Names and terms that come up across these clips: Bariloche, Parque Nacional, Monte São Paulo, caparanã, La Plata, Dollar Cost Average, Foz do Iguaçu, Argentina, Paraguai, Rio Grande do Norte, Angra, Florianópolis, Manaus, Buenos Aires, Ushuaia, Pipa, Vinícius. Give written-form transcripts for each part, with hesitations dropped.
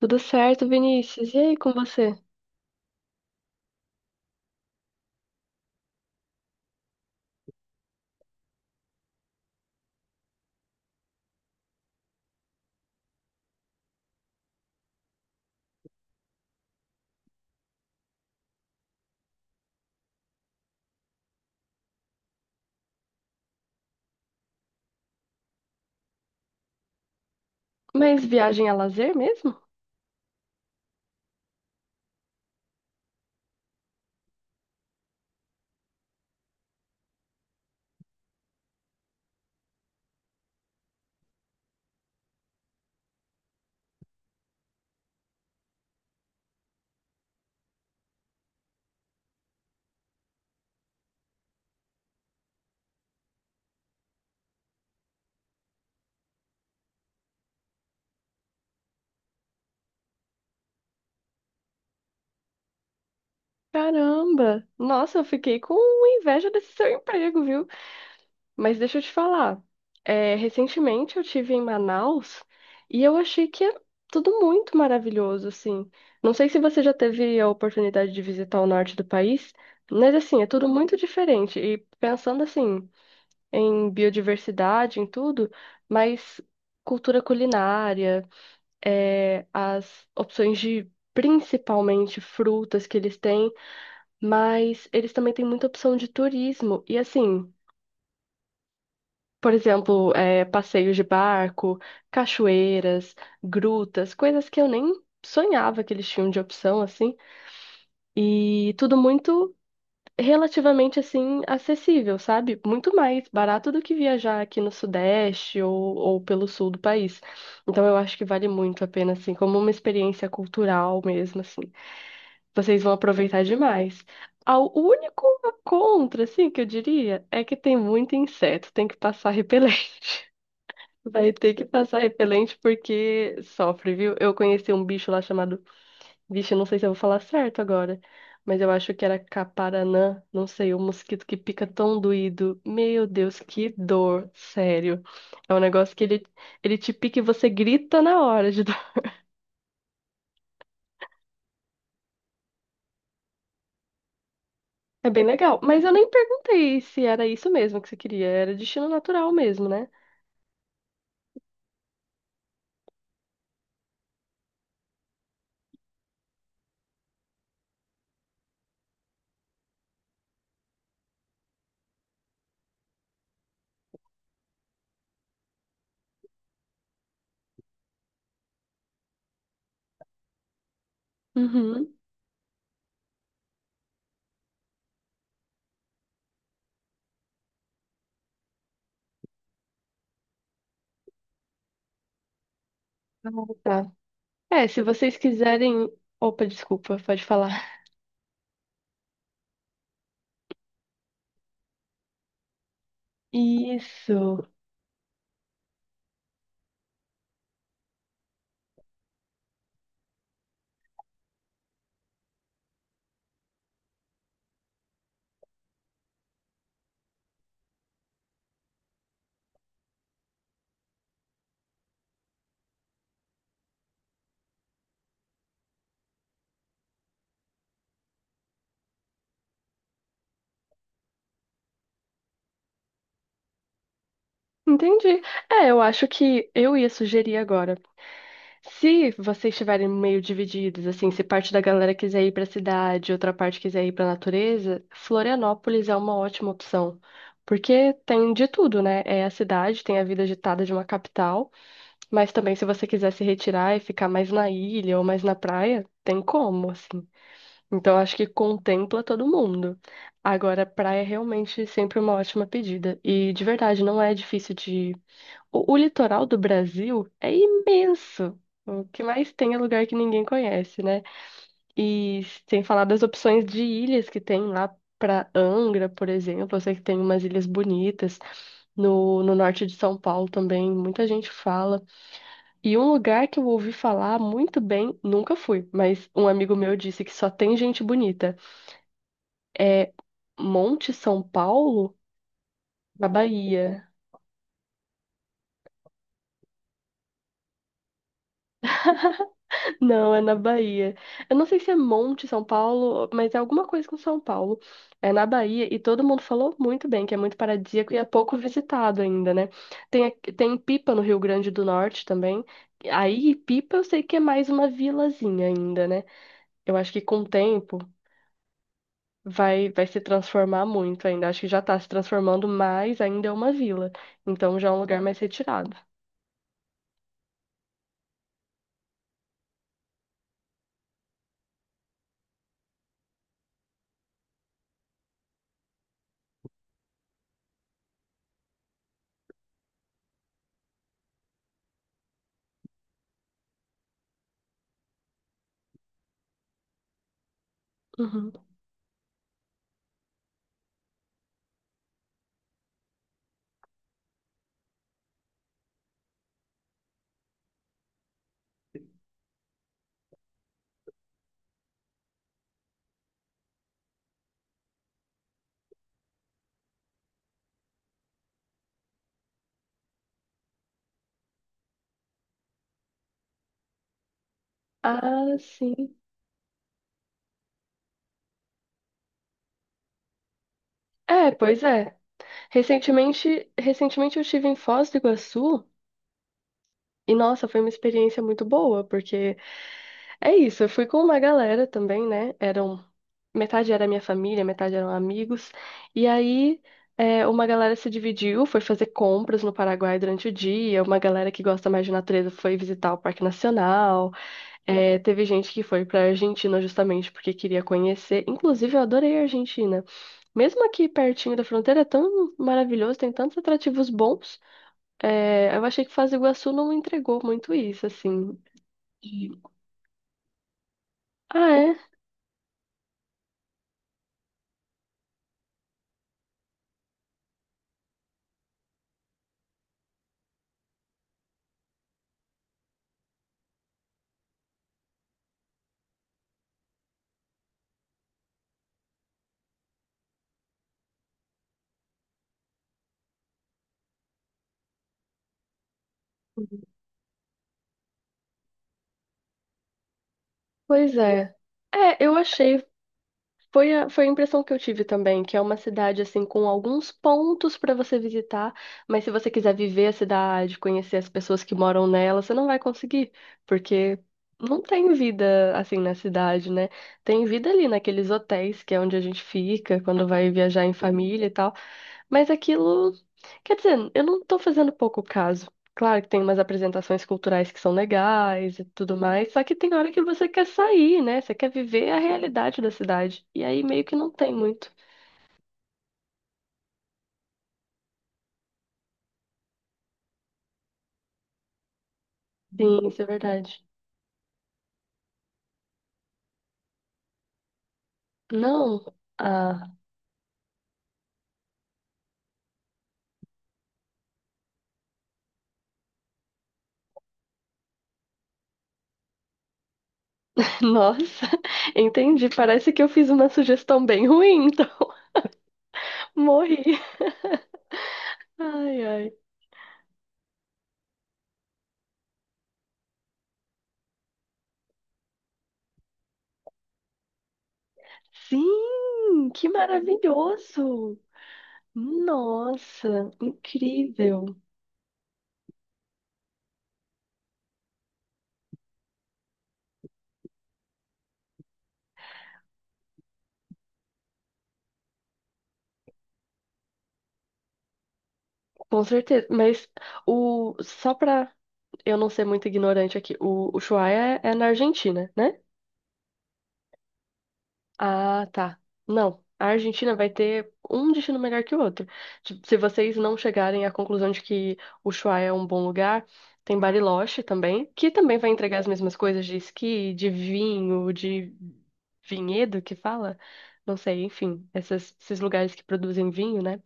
Tudo certo, Vinícius? E aí com você? Mas viagem a lazer mesmo? Caramba! Nossa, eu fiquei com inveja desse seu emprego, viu? Mas deixa eu te falar. Recentemente eu tive em Manaus e eu achei que é tudo muito maravilhoso, assim. Não sei se você já teve a oportunidade de visitar o norte do país, mas assim, é tudo muito diferente. E pensando assim, em biodiversidade, em tudo, mas cultura culinária. As opções de principalmente frutas que eles têm, mas eles também têm muita opção de turismo. E assim, por exemplo, passeios de barco, cachoeiras, grutas, coisas que eu nem sonhava que eles tinham de opção, assim, e tudo muito relativamente assim acessível, sabe? Muito mais barato do que viajar aqui no Sudeste ou pelo sul do país. Então eu acho que vale muito a pena, assim, como uma experiência cultural mesmo, assim. Vocês vão aproveitar demais. O único contra, assim, que eu diria, é que tem muito inseto, tem que passar repelente. Vai ter que passar repelente porque sofre, viu? Eu conheci um bicho lá chamado. Vixe, eu não sei se eu vou falar certo agora, mas eu acho que era caparanã, não sei, um mosquito que pica tão doído. Meu Deus, que dor, sério. É um negócio que ele te pica e você grita na hora de É bem legal. Mas eu nem perguntei se era isso mesmo que você queria. Era destino natural mesmo, né? Uhum. Ah, tá. É, se vocês quiserem. Opa, desculpa, pode falar. Isso. Entendi. É, eu acho que eu ia sugerir agora. Se vocês estiverem meio divididos, assim, se parte da galera quiser ir pra cidade, outra parte quiser ir pra natureza, Florianópolis é uma ótima opção. Porque tem de tudo, né? É a cidade, tem a vida agitada de uma capital. Mas também, se você quiser se retirar e ficar mais na ilha ou mais na praia, tem como, assim. Então, acho que contempla todo mundo. Agora, praia é realmente sempre uma ótima pedida. E, de verdade, não é difícil de. O litoral do Brasil é imenso. O que mais tem é lugar que ninguém conhece, né? E sem falar das opções de ilhas que tem lá para Angra, por exemplo. Eu sei que tem umas ilhas bonitas. No norte de São Paulo também, muita gente fala. E um lugar que eu ouvi falar muito bem, nunca fui, mas um amigo meu disse que só tem gente bonita. É Monte São Paulo, na Bahia. Não, é na Bahia. Eu não sei se é Monte São Paulo, mas é alguma coisa com São Paulo. É na Bahia e todo mundo falou muito bem, que é muito paradisíaco e é pouco visitado ainda, né? Tem, tem Pipa no Rio Grande do Norte também. Aí, Pipa eu sei que é mais uma vilazinha ainda, né? Eu acho que com o tempo. Vai se transformar muito ainda. Acho que já tá se transformando, mas ainda é uma vila. Então já é um lugar mais retirado. Uhum. Ah, sim. É, pois é. Recentemente, recentemente eu estive em Foz do Iguaçu e, nossa, foi uma experiência muito boa, porque é isso, eu fui com uma galera também, né? Eram, metade era minha família, metade eram amigos. E aí. Uma galera se dividiu, foi fazer compras no Paraguai durante o dia. Uma galera que gosta mais de natureza foi visitar o Parque Nacional. É, teve gente que foi pra Argentina justamente porque queria conhecer. Inclusive, eu adorei a Argentina. Mesmo aqui pertinho da fronteira, é tão maravilhoso, tem tantos atrativos bons. É, eu achei que Foz do Iguaçu não entregou muito isso, assim. E- Ah, é? Pois é. É, eu achei Foi a impressão que eu tive também, que é uma cidade assim com alguns pontos para você visitar, mas se você quiser viver a cidade, conhecer as pessoas que moram nela, você não vai conseguir, porque não tem vida assim na cidade, né? Tem vida ali naqueles hotéis que é onde a gente fica quando vai viajar em família e tal, mas aquilo. Quer dizer, eu não tô fazendo pouco caso. Claro que tem umas apresentações culturais que são legais e tudo mais, só que tem hora que você quer sair, né? Você quer viver a realidade da cidade. E aí meio que não tem muito. Sim, isso é verdade. Não. Ah, nossa, entendi. Parece que eu fiz uma sugestão bem ruim, então morri. Ai, ai. Sim, que maravilhoso! Nossa, incrível! Com certeza, mas o só pra eu não ser muito ignorante aqui, o Ushuaia é na Argentina, né? Ah, tá. Não, a Argentina vai ter um destino melhor que o outro. Tipo, se vocês não chegarem à conclusão de que o Ushuaia é um bom lugar, tem Bariloche também, que também vai entregar as mesmas coisas de esqui, de vinho, de vinhedo que fala, não sei, enfim, esses lugares que produzem vinho, né?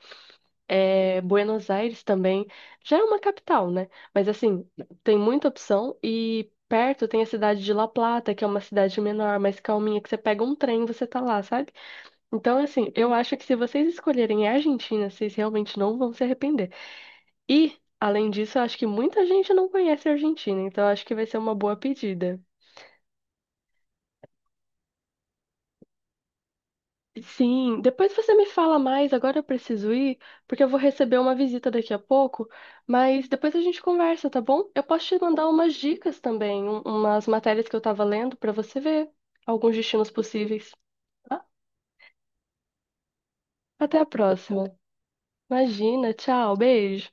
É, Buenos Aires também já é uma capital, né? Mas assim, tem muita opção e perto tem a cidade de La Plata, que é uma cidade menor, mais calminha, que você pega um trem e você tá lá, sabe? Então, assim, eu acho que se vocês escolherem a Argentina, vocês realmente não vão se arrepender. E, além disso, eu acho que muita gente não conhece a Argentina, então eu acho que vai ser uma boa pedida. Sim, depois você me fala mais. Agora eu preciso ir, porque eu vou receber uma visita daqui a pouco. Mas depois a gente conversa, tá bom? Eu posso te mandar umas dicas também, umas matérias que eu tava lendo pra você ver alguns destinos possíveis, tá? Até a próxima. Imagina, tchau, beijo.